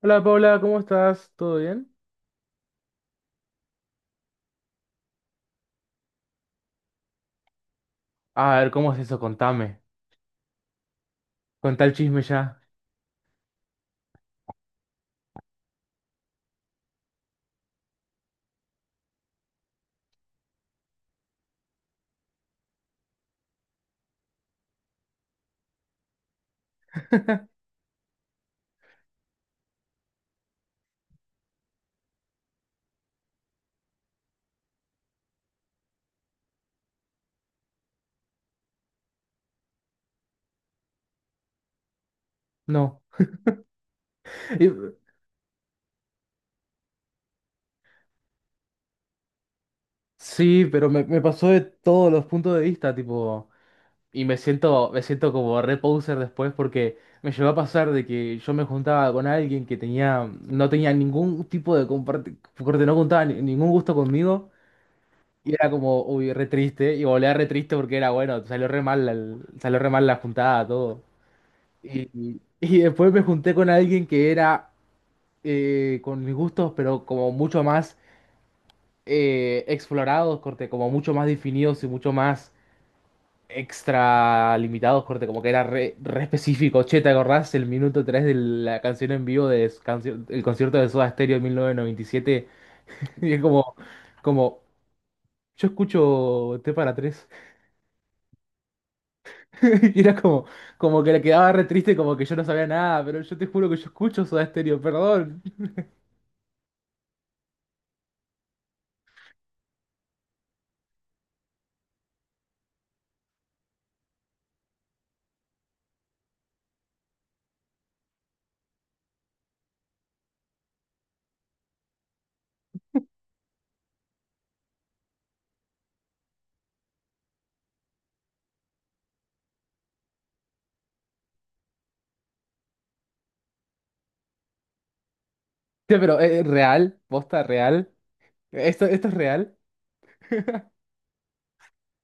Hola Paula, ¿cómo estás? ¿Todo bien? A ver, ¿cómo es eso? Contame. Contá el chisme ya. No. Y- Sí, pero me pasó de todos los puntos de vista, tipo. Y me siento como re poser después porque me llegó a pasar de que yo me juntaba con alguien que tenía, no tenía ningún tipo de comparte, corte, no juntaba ningún gusto conmigo y era como, uy, re triste y volvía re triste porque era bueno, salió re mal, salió re mal la juntada, todo. Y, y- Después me junté con alguien que era con mis gustos, pero como mucho más explorados, corte, como mucho más definidos y mucho más extra limitados, corte, como que era re, re específico. Che, ¿te acordás el minuto 3 de la canción en vivo del el concierto de Soda Stereo en 1997? ¿Y siete? Y es como, como, yo escucho T para tres. Y era como, como que le quedaba re triste, como que yo no sabía nada, pero yo te juro que yo escucho Soda Stereo, perdón. Che, pero es real, posta real. Esto es real.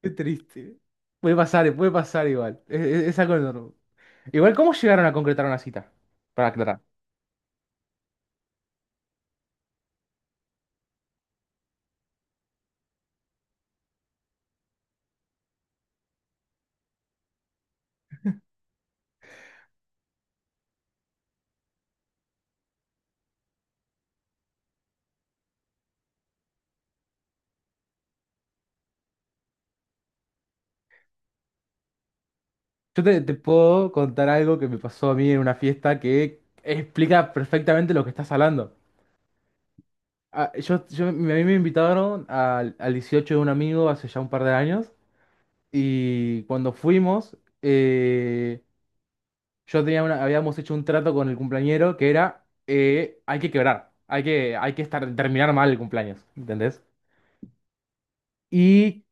Qué triste. Puede pasar igual. Es, es algo enorme. Igual, ¿cómo llegaron a concretar una cita? Para aclarar. Yo te, te puedo contar algo que me pasó a mí en una fiesta que explica perfectamente lo que estás hablando. Ah, yo, a mí me invitaron al, al 18 de un amigo hace ya un par de años y cuando fuimos, eh, yo tenía una, habíamos hecho un trato con el cumpleañero que era, hay que quebrar, hay que estar, terminar mal el cumpleaños, ¿entendés? Y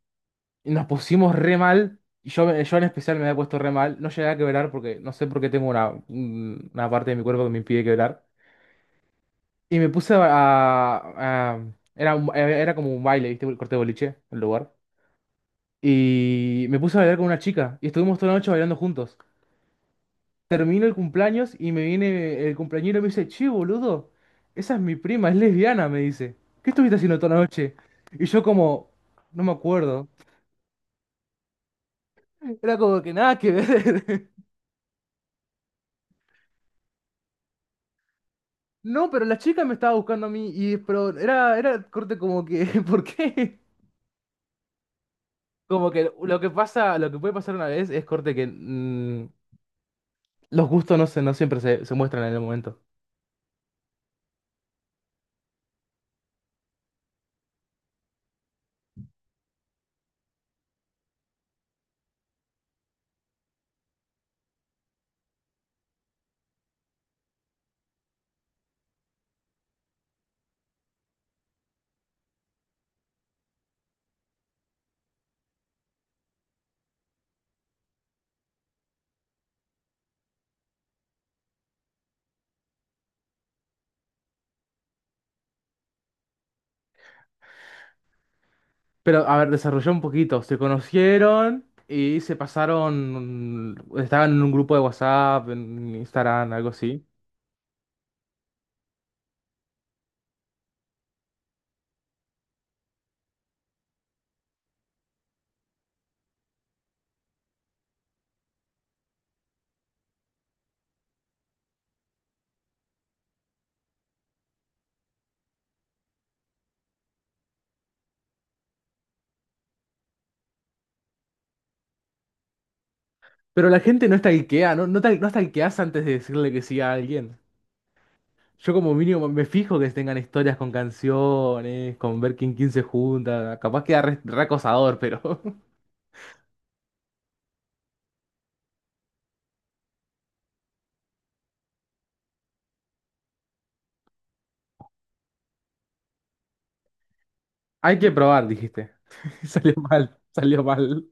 y nos pusimos re mal. Y yo en especial me había puesto re mal. No llegué a quebrar porque no sé por qué tengo una, una parte de mi cuerpo que me impide quebrar. Y me puse a... a- a- era, era como un baile, ¿viste? El corte de boliche, el lugar. Y me puse a bailar con una chica. Y estuvimos toda la noche bailando juntos. Termino el cumpleaños y me viene el cumpleañero y me dice, che, boludo, esa es mi prima, es lesbiana, me dice. ¿Qué estuviste haciendo toda la noche? Y yo como, no me acuerdo. Era como que nada que ver. No, pero la chica me estaba buscando a mí y pero era, era corte como que, ¿por qué? Como que lo que pasa, lo que puede pasar una vez es corte que los gustos no se, no siempre se, se muestran en el momento. Pero a ver, desarrolló un poquito. Se conocieron y se pasaron, estaban en un grupo de WhatsApp, en Instagram, algo así. Pero la gente no está no, no, no stalkeas antes de decirle que sí a alguien. Yo como mínimo me fijo que tengan historias con canciones, con ver quién, quién se junta. Capaz queda re, re acosador, pero hay que probar, dijiste. Salió mal, salió mal.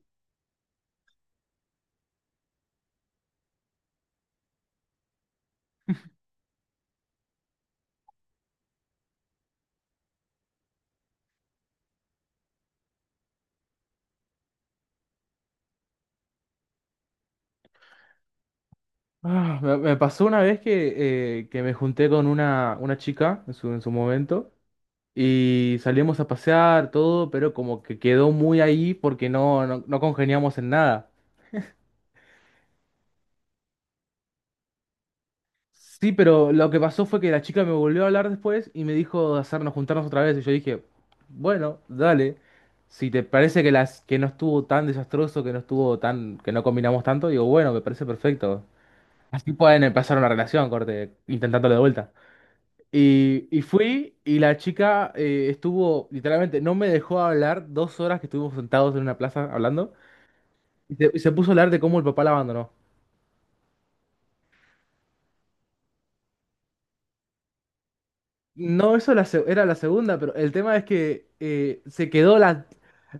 Ah, me pasó una vez que me junté con una chica en su momento y salimos a pasear, todo, pero como que quedó muy ahí porque no, no, no congeniamos en nada. Sí, pero lo que pasó fue que la chica me volvió a hablar después y me dijo de hacernos juntarnos otra vez. Y yo dije, bueno, dale. Si te parece que las que no estuvo tan desastroso, que no estuvo tan, que no combinamos tanto, digo, bueno, me parece perfecto. Así pueden empezar una relación, corte, intentándolo de vuelta. Y fui y la chica estuvo, literalmente, no me dejó hablar dos horas que estuvimos sentados en una plaza hablando y se puso a hablar de cómo el papá la abandonó. No, eso era la segunda, pero el tema es que se quedó la,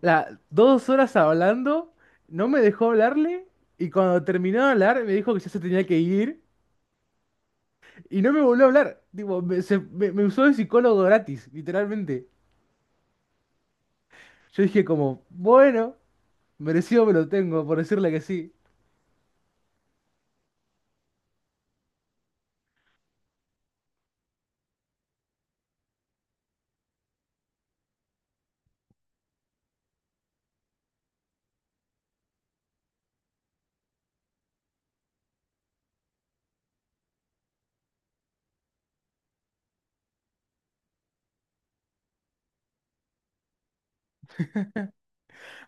dos horas hablando, no me dejó hablarle y cuando terminó de hablar me dijo que ya se tenía que ir y no me volvió a hablar. Tipo, me, me usó de psicólogo gratis, literalmente. Yo dije como, bueno, merecido me lo tengo por decirle que sí.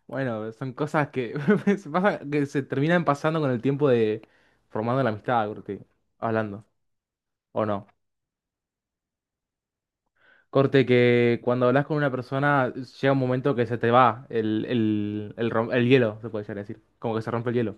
Bueno, son cosas que, que se terminan pasando con el tiempo de formando la amistad, creo que, hablando, ¿o no? Corte que cuando hablas con una persona llega un momento que se te va el, el hielo, se puede llegar a decir. Como que se rompe el hielo.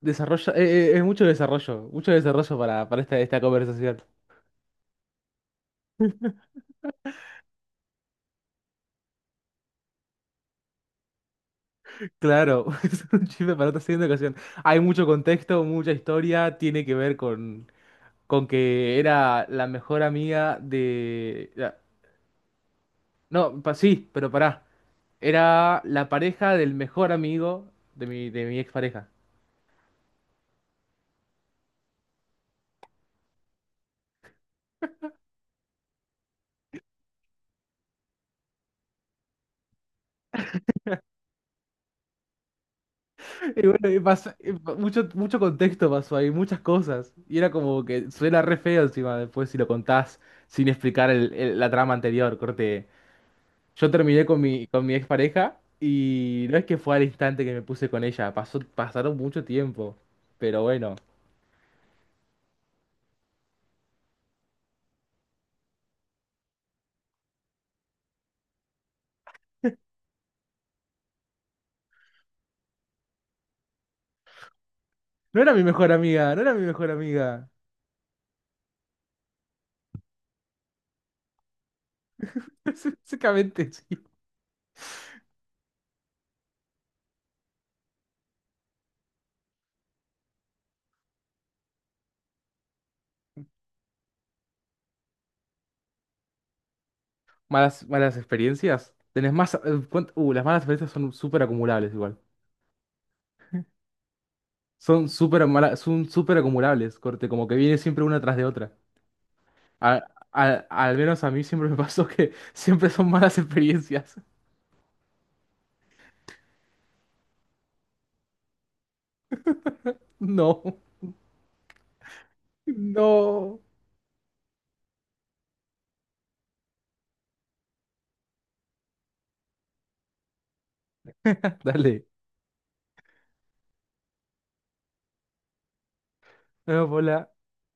Desarrollo, es mucho desarrollo para esta, esta conversación. Claro, es un chisme para otra siguiente ocasión. Hay mucho contexto, mucha historia, tiene que ver con que era la mejor amiga de... No, sí, pero pará. Era la pareja del mejor amigo de mi expareja. Y bueno, mucho, mucho contexto pasó ahí, muchas cosas. Y era como que suena re feo encima después si lo contás sin explicar la trama anterior. Corte, yo terminé con mi expareja y no es que fue al instante que me puse con ella, pasó, pasaron mucho tiempo. Pero bueno, no era mi mejor amiga, no era mi mejor amiga. Básicamente, sí. Malas, malas experiencias. Tenés más... las malas experiencias son súper acumulables igual. Son son súper acumulables, corte, como que viene siempre una tras de otra. A- Al menos a mí siempre me pasó que siempre son malas experiencias. No, no. Dale. Hola,